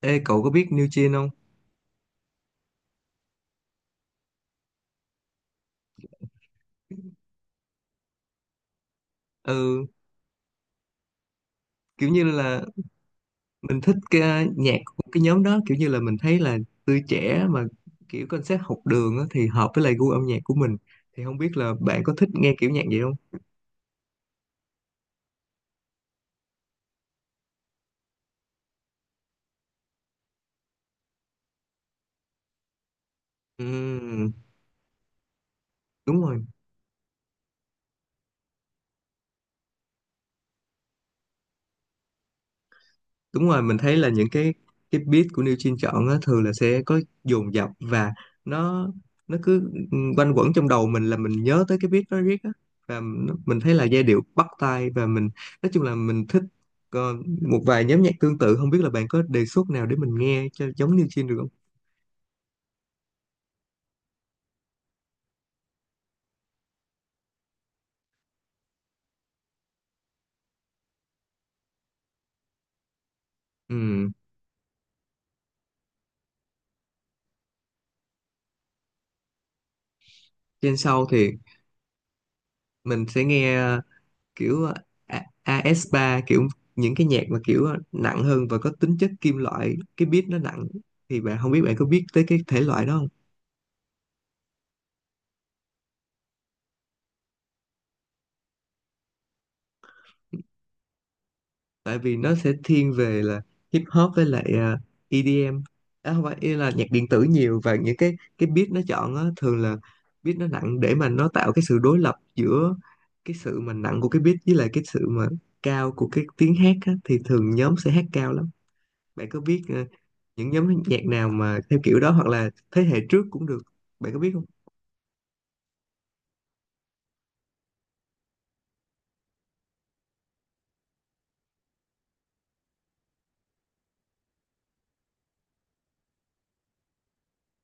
Ê, cậu có biết New Jeans không? Ừ, kiểu như là mình thích nhạc của cái nhóm đó, kiểu như là mình thấy là tươi trẻ mà kiểu concept học đường á, thì hợp với lại gu âm nhạc của mình. Thì không biết là bạn có thích nghe kiểu nhạc vậy không? Ừ, đúng rồi. Đúng rồi, mình thấy là những cái beat của New Jeans chọn á, thường là sẽ có dồn dập và nó nó cứ quanh quẩn trong đầu mình, là mình nhớ tới cái beat đó riết á, và mình thấy là giai điệu bắt tai, và mình nói chung là mình thích. Còn một vài nhóm nhạc tương tự, không biết là bạn có đề xuất nào để mình nghe cho giống New Jeans được không? Ừ, trên sau thì mình sẽ nghe kiểu, AS3, kiểu những cái nhạc mà kiểu nặng hơn và có tính chất kim loại, cái beat nó nặng, thì bạn không biết bạn có biết tới cái thể loại đó không? Tại vì nó sẽ thiên về là hip hop với lại EDM. À, không phải, ý là nhạc điện tử nhiều, và những cái beat nó chọn á, thường là beat nó nặng để mà nó tạo cái sự đối lập giữa cái sự mà nặng của cái beat với lại cái sự mà cao của cái tiếng hát á, thì thường nhóm sẽ hát cao lắm. Bạn có biết những nhóm nhạc nào mà theo kiểu đó hoặc là thế hệ trước cũng được, bạn có biết không?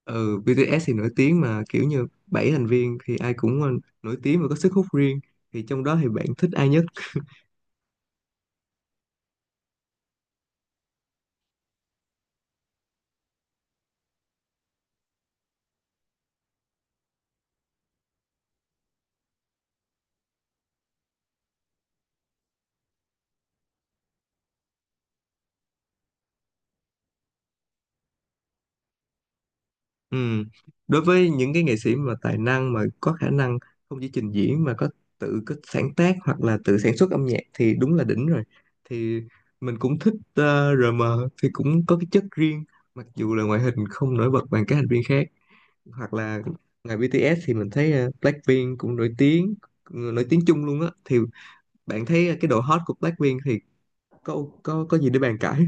Ừ, BTS thì nổi tiếng mà, kiểu như bảy thành viên thì ai cũng nổi tiếng và có sức hút riêng, thì trong đó thì bạn thích ai nhất? Ừ. Đối với những cái nghệ sĩ mà tài năng mà có khả năng không chỉ trình diễn mà có tự có sáng tác hoặc là tự sản xuất âm nhạc thì đúng là đỉnh rồi. Thì mình cũng thích RM thì cũng có cái chất riêng, mặc dù là ngoại hình không nổi bật bằng các thành viên khác. Hoặc là ngoài BTS thì mình thấy Blackpink cũng nổi tiếng, chung luôn á, thì bạn thấy cái độ hot của Blackpink thì có gì để bàn cãi.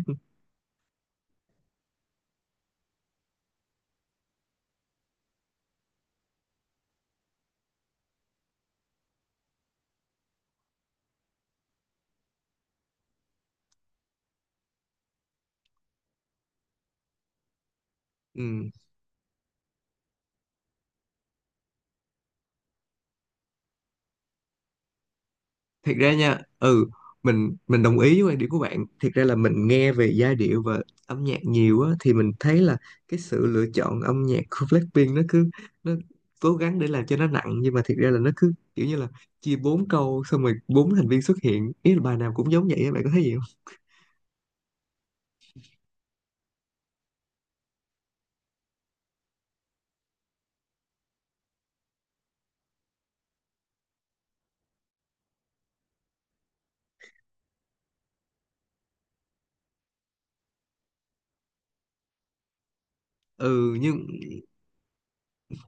Ừ. Thiệt ra nha, ừ, mình đồng ý với quan điểm của bạn. Thiệt ra là mình nghe về giai điệu và âm nhạc nhiều á, thì mình thấy là cái sự lựa chọn âm nhạc của Blackpink nó cứ nó cố gắng để làm cho nó nặng, nhưng mà thiệt ra là nó cứ kiểu như là chia bốn câu xong rồi bốn thành viên xuất hiện, ý là bài nào cũng giống vậy á, bạn có thấy gì không? Ừ, nhưng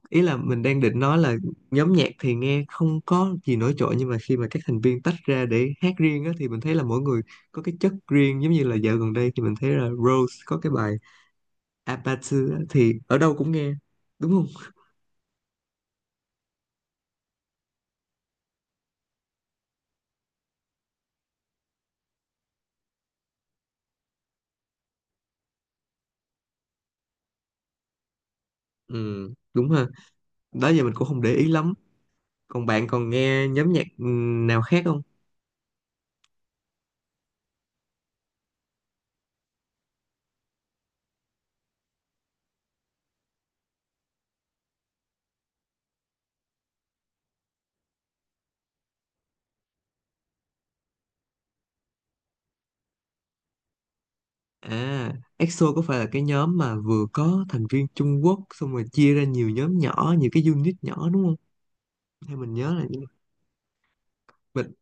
ý là mình đang định nói là nhóm nhạc thì nghe không có gì nổi trội, nhưng mà khi mà các thành viên tách ra để hát riêng á thì mình thấy là mỗi người có cái chất riêng. Giống như là dạo gần đây thì mình thấy là Rose có cái bài Apathy á, thì ở đâu cũng nghe, đúng không? Ừ đúng ha, đó giờ mình cũng không để ý lắm. Còn bạn còn nghe nhóm nhạc nào khác không? À, EXO có phải là cái nhóm mà vừa có thành viên Trung Quốc xong rồi chia ra nhiều nhóm nhỏ, nhiều cái unit nhỏ đúng không? Theo mình nhớ là mình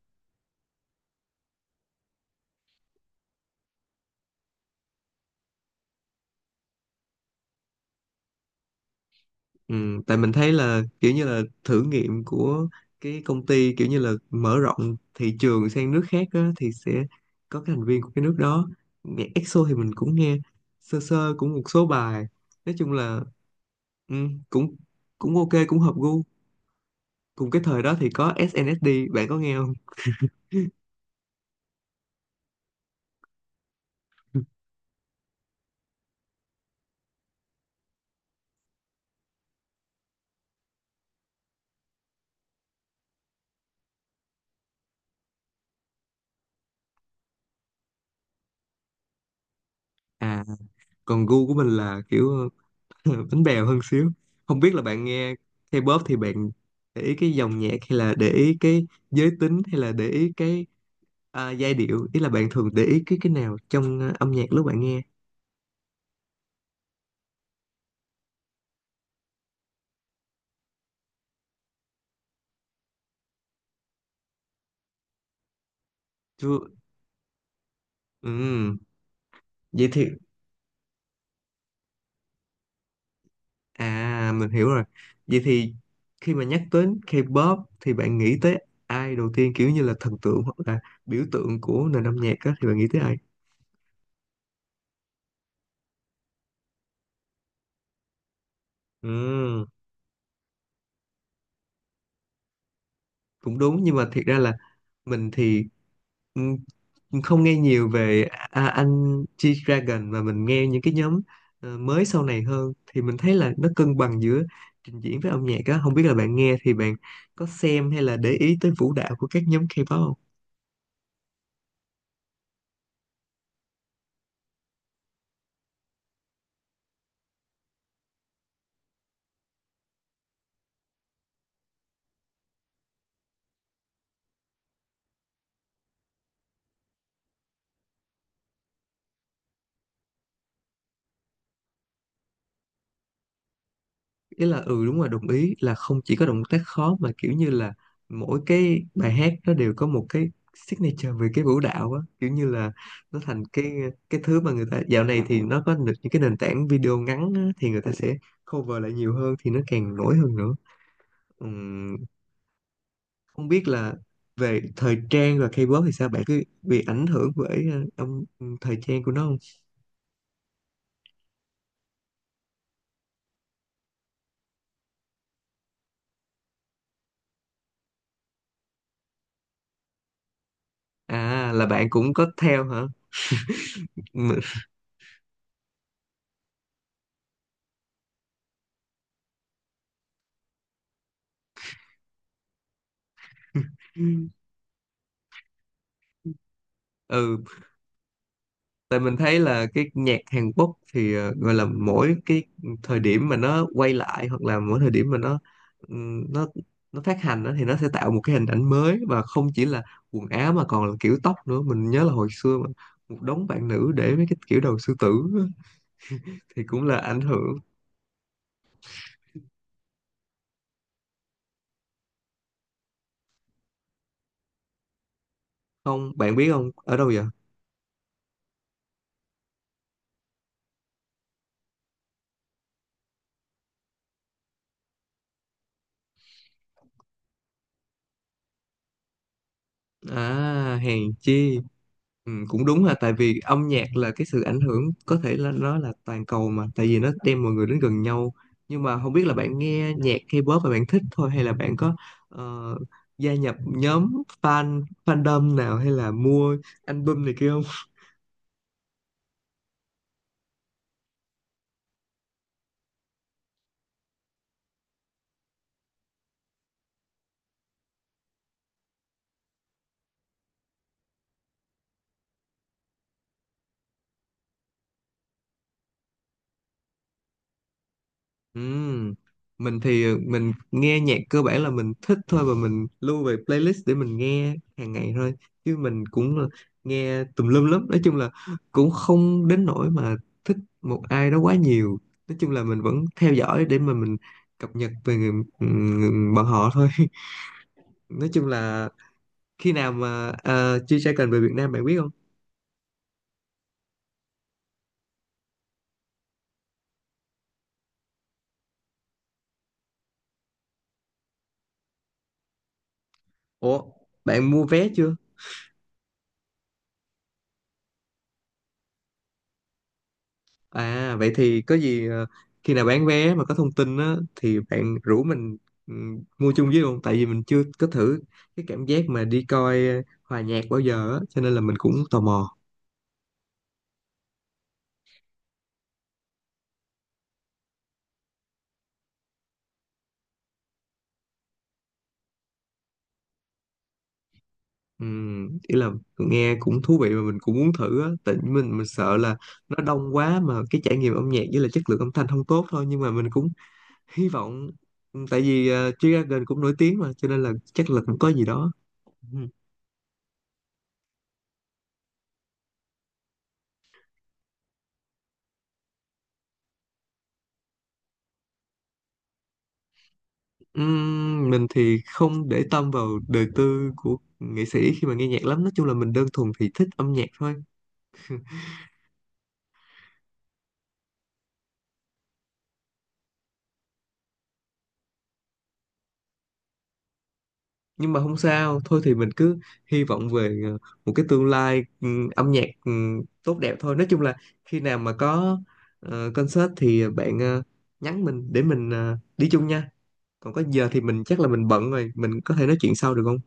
ừ, tại mình thấy là kiểu như là thử nghiệm của cái công ty, kiểu như là mở rộng thị trường sang nước khác á, thì sẽ có cái thành viên của cái nước đó. Nhạc EXO thì mình cũng nghe sơ sơ cũng một số bài. Nói chung là ừ, cũng cũng ok, cũng hợp gu. Cùng cái thời đó thì có SNSD, bạn có nghe không? À, còn gu của mình là kiểu bánh bèo hơn xíu. Không biết là bạn nghe K-pop thì bạn để ý cái dòng nhạc hay là để ý cái giới tính hay là để ý cái giai điệu? Ý là bạn thường để ý cái nào trong âm nhạc lúc bạn nghe? Chưa. Ừm, vậy thì à, mình hiểu rồi. Vậy thì khi mà nhắc đến K-pop thì bạn nghĩ tới ai đầu tiên, kiểu như là thần tượng hoặc là biểu tượng của nền âm nhạc á thì bạn nghĩ tới ai? Ừm, cũng đúng, nhưng mà thiệt ra là mình thì ừm, không nghe nhiều về anh G-Dragon. Mà mình nghe những cái nhóm mới sau này hơn, thì mình thấy là nó cân bằng giữa trình diễn với âm nhạc á, không biết là bạn nghe thì bạn có xem hay là để ý tới vũ đạo của các nhóm K-pop không? Ý là ừ đúng rồi, đồng ý là không chỉ có động tác khó mà kiểu như là mỗi cái bài hát nó đều có một cái signature về cái vũ đạo á, kiểu như là nó thành cái thứ mà người ta dạo này thì nó có được những cái nền tảng video ngắn á, thì người ta sẽ cover lại nhiều hơn thì nó càng nổi hơn nữa. Ừm, không biết là về thời trang và K-pop thì sao, bạn cứ bị ảnh hưởng bởi ờ, âm thời trang của nó không? À là bạn cũng có theo hả? Ừ, tại mình thấy là cái nhạc Hàn Quốc thì gọi là mỗi cái thời điểm mà nó quay lại hoặc là mỗi thời điểm mà nó nó phát hành đó, thì nó sẽ tạo một cái hình ảnh mới, và không chỉ là quần áo mà còn là kiểu tóc nữa. Mình nhớ là hồi xưa mà một đống bạn nữ để mấy cái kiểu đầu sư tử á, thì cũng là ảnh hưởng. Không, bạn biết không, ở đâu vậy? À, hèn chi. Ừ, cũng đúng, là tại vì âm nhạc là cái sự ảnh hưởng có thể là nó là toàn cầu mà, tại vì nó đem mọi người đến gần nhau. Nhưng mà không biết là bạn nghe nhạc K-pop và bạn thích thôi hay là bạn có ờ, gia nhập nhóm fan, fandom nào, hay là mua album này kia? Ừm, Mình thì mình nghe nhạc cơ bản là mình thích thôi, và mình lưu về playlist để mình nghe hàng ngày thôi. Chứ mình cũng là nghe tùm lum lắm, nói chung là cũng không đến nỗi mà thích một ai đó quá nhiều. Nói chung là mình vẫn theo dõi để mà mình cập nhật về người, bọn họ thôi. Nói chung là khi nào mà G-Dragon về Việt Nam bạn biết không? Ủa, bạn mua vé chưa? À vậy thì có gì, khi nào bán vé mà có thông tin á thì bạn rủ mình mua chung với luôn, tại vì mình chưa có thử cái cảm giác mà đi coi hòa nhạc bao giờ á, cho nên là mình cũng tò mò. Ý là nghe cũng thú vị, mà mình cũng muốn thử á, tại vì mình sợ là nó đông quá mà cái trải nghiệm âm nhạc với là chất lượng âm thanh không tốt thôi, nhưng mà mình cũng hy vọng. Ừ, tại vì G-Dragon cũng nổi tiếng, mà cho nên là chắc là cũng có gì đó. Mình thì không để tâm vào đời tư của nghệ sĩ khi mà nghe nhạc lắm, nói chung là mình đơn thuần thì thích âm nhạc thôi. Nhưng mà không sao, thôi thì mình cứ hy vọng về một cái tương lai âm nhạc tốt đẹp thôi. Nói chung là khi nào mà có concert thì bạn nhắn mình để mình đi chung nha. Còn có giờ thì mình chắc là mình bận rồi, mình có thể nói chuyện sau được không?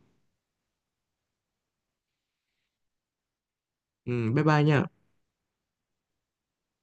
Bye bye nha.